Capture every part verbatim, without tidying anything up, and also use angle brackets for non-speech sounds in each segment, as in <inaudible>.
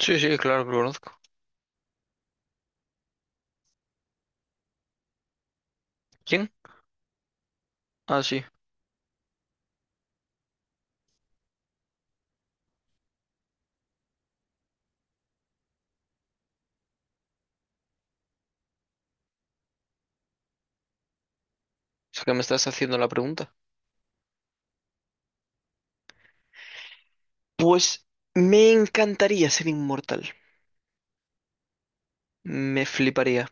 Sí, sí, claro que lo conozco. ¿Quién? Ah, sí. O sea que me estás haciendo la pregunta. Pues me encantaría ser inmortal. Me fliparía.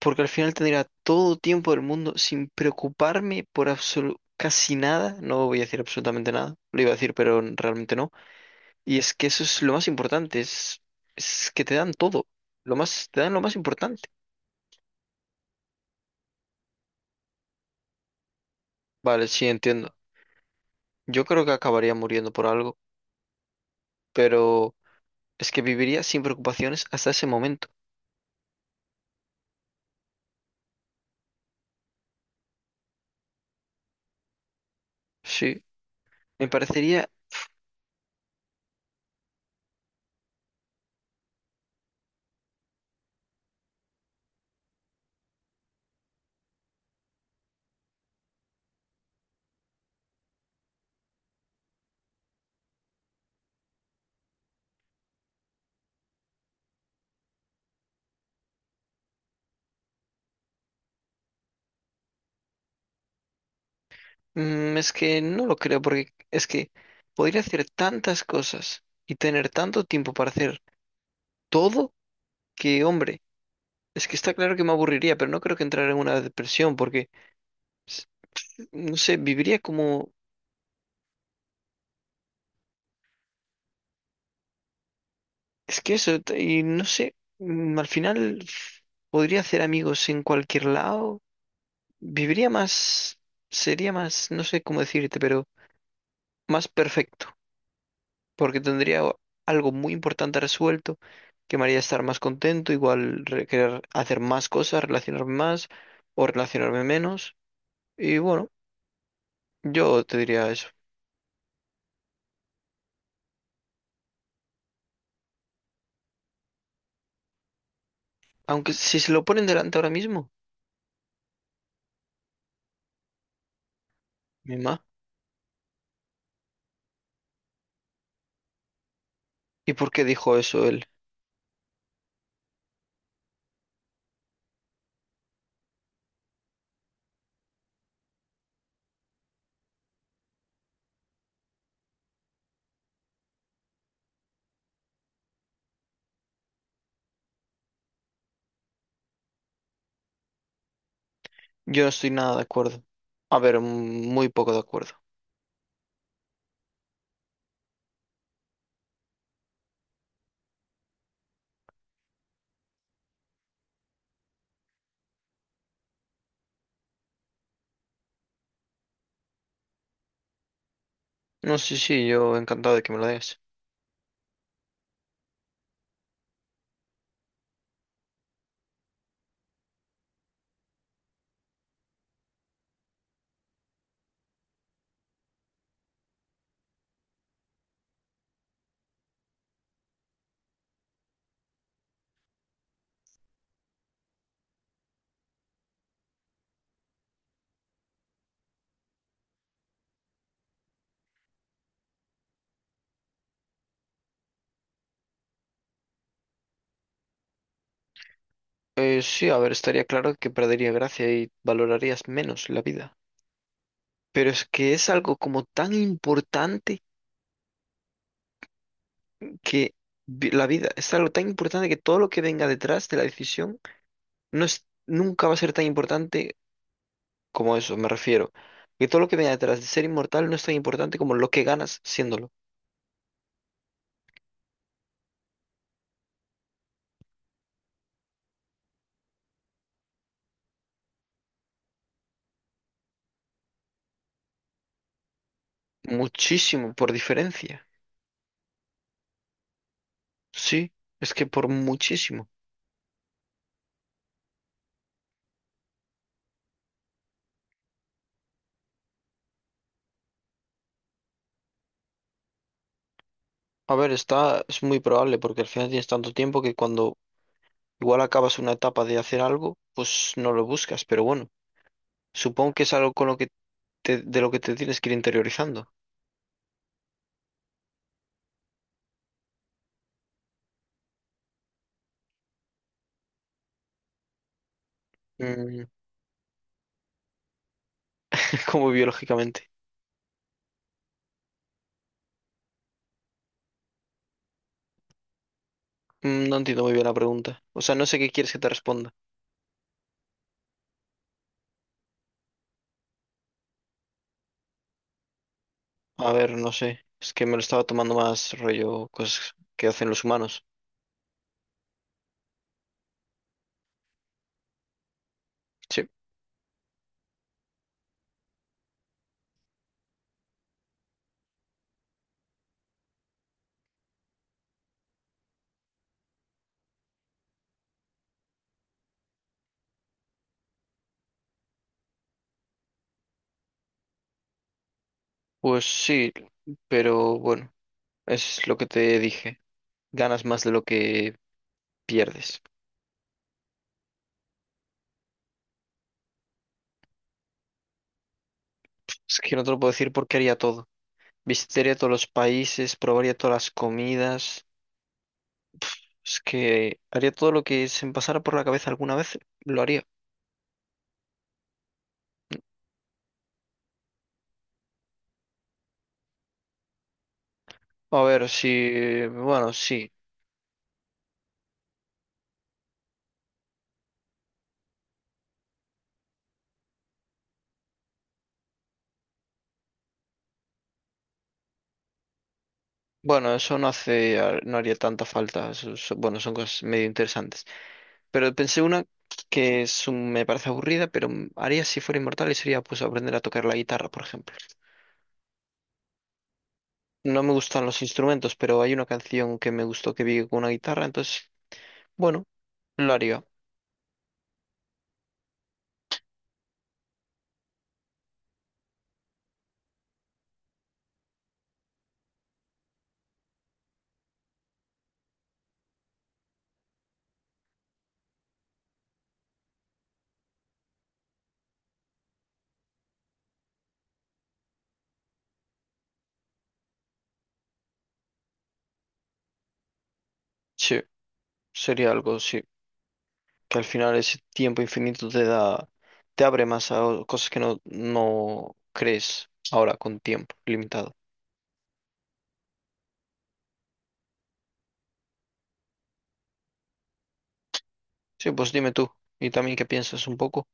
Porque al final tendría todo tiempo del mundo sin preocuparme por absolu- casi nada. No voy a decir absolutamente nada. Lo iba a decir, pero realmente no. Y es que eso es lo más importante. Es, es que te dan todo. Lo más, te dan lo más importante. Vale, sí, entiendo. Yo creo que acabaría muriendo por algo. Pero es que viviría sin preocupaciones hasta ese momento. Sí. Me parecería, mm, es que no lo creo, porque es que podría hacer tantas cosas y tener tanto tiempo para hacer todo que, hombre, es que está claro que me aburriría, pero no creo que entrara en una depresión, porque, s- no sé, viviría como, es que eso, t- y no sé, mm, al final f- podría hacer amigos en cualquier lado, viviría más, sería más, no sé cómo decirte, pero más perfecto. Porque tendría o- algo muy importante resuelto, que me haría estar más contento, igual re- querer hacer más cosas, relacionarme más o relacionarme menos. Y bueno, yo te diría eso. Aunque si se lo ponen delante ahora mismo, mi ma. ¿Y por qué dijo eso él? Yo no estoy nada de acuerdo. A ver, mm, muy poco de acuerdo. No, sí, sí, yo encantado de que me lo des. Eh, sí, a ver, estaría claro que perdería gracia y valorarías menos la vida. Pero es que es algo como tan importante que vi- la vida es algo tan importante que todo lo que venga detrás de la decisión no es, nunca va a ser tan importante como eso, me refiero. Que todo lo que venga detrás de ser inmortal no es tan importante como lo que ganas siéndolo. Muchísimo, por diferencia. Sí, es que por muchísimo. A ver, está, es muy probable porque al final tienes tanto tiempo que cuando igual acabas una etapa de hacer algo, pues no lo buscas, pero bueno, supongo que es algo con lo que te- de lo que te tienes que ir interiorizando. Mm, <laughs> como biológicamente. Mm, No entiendo muy bien la pregunta. O sea, no sé qué quieres que te responda. A ver, no sé. Es que me lo estaba tomando más rollo cosas que hacen los humanos. Sí. Pues sí, pero bueno, es lo que te dije. Ganas más de lo que pierdes. Es que no te lo puedo decir porque haría todo. Visitaría todos los países, probaría todas las comidas. Es que haría todo lo que se me pasara por la cabeza alguna vez. Lo haría. A ver, si... Bueno, sí. Bueno, eso no hace, ar- no haría tanta falta. Eso es- bueno, son cosas medio interesantes. Pero pensé una que es un- me parece aburrida, pero m- haría si fuera inmortal y sería pues aprender a tocar la guitarra, por ejemplo. No me gustan los instrumentos, pero hay una canción que me gustó que vi con una guitarra, entonces, bueno, lo haría. Sí, sería algo, sí. Que al final ese tiempo infinito te da, te abre más a o- cosas que no, no crees ahora con tiempo limitado. Sí, pues dime tú. Y también qué piensas un poco.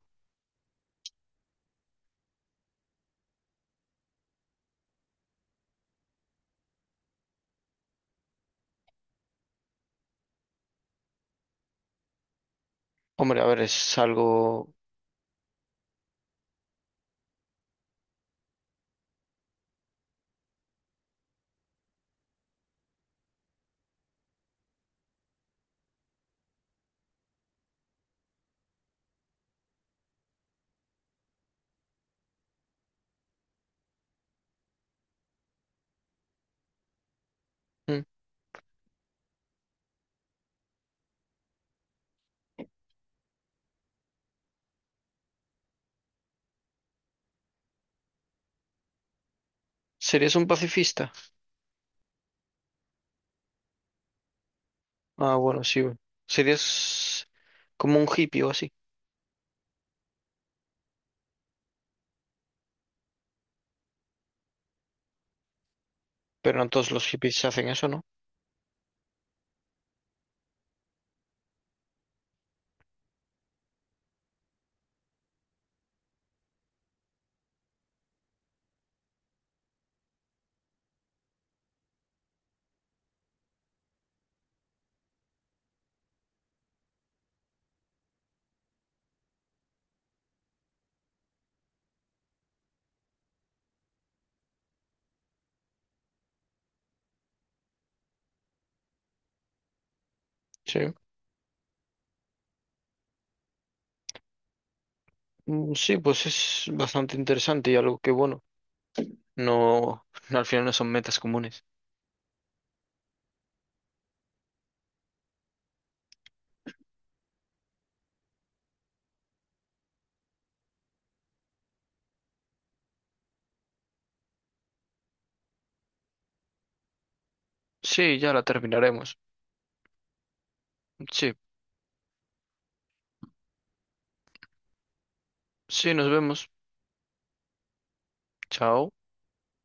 Hombre, a ver, es algo... Mm. ¿Serías un pacifista? Ah, bueno, sí. Bueno. Serías como un hippie o así. Pero no todos los hippies hacen eso, ¿no? Sí. Mm, sí, pues es bastante interesante y algo que, bueno, no, <laughs> no al final no son metas comunes. Sí, ya la terminaremos. Sí, sí, nos vemos. Chao.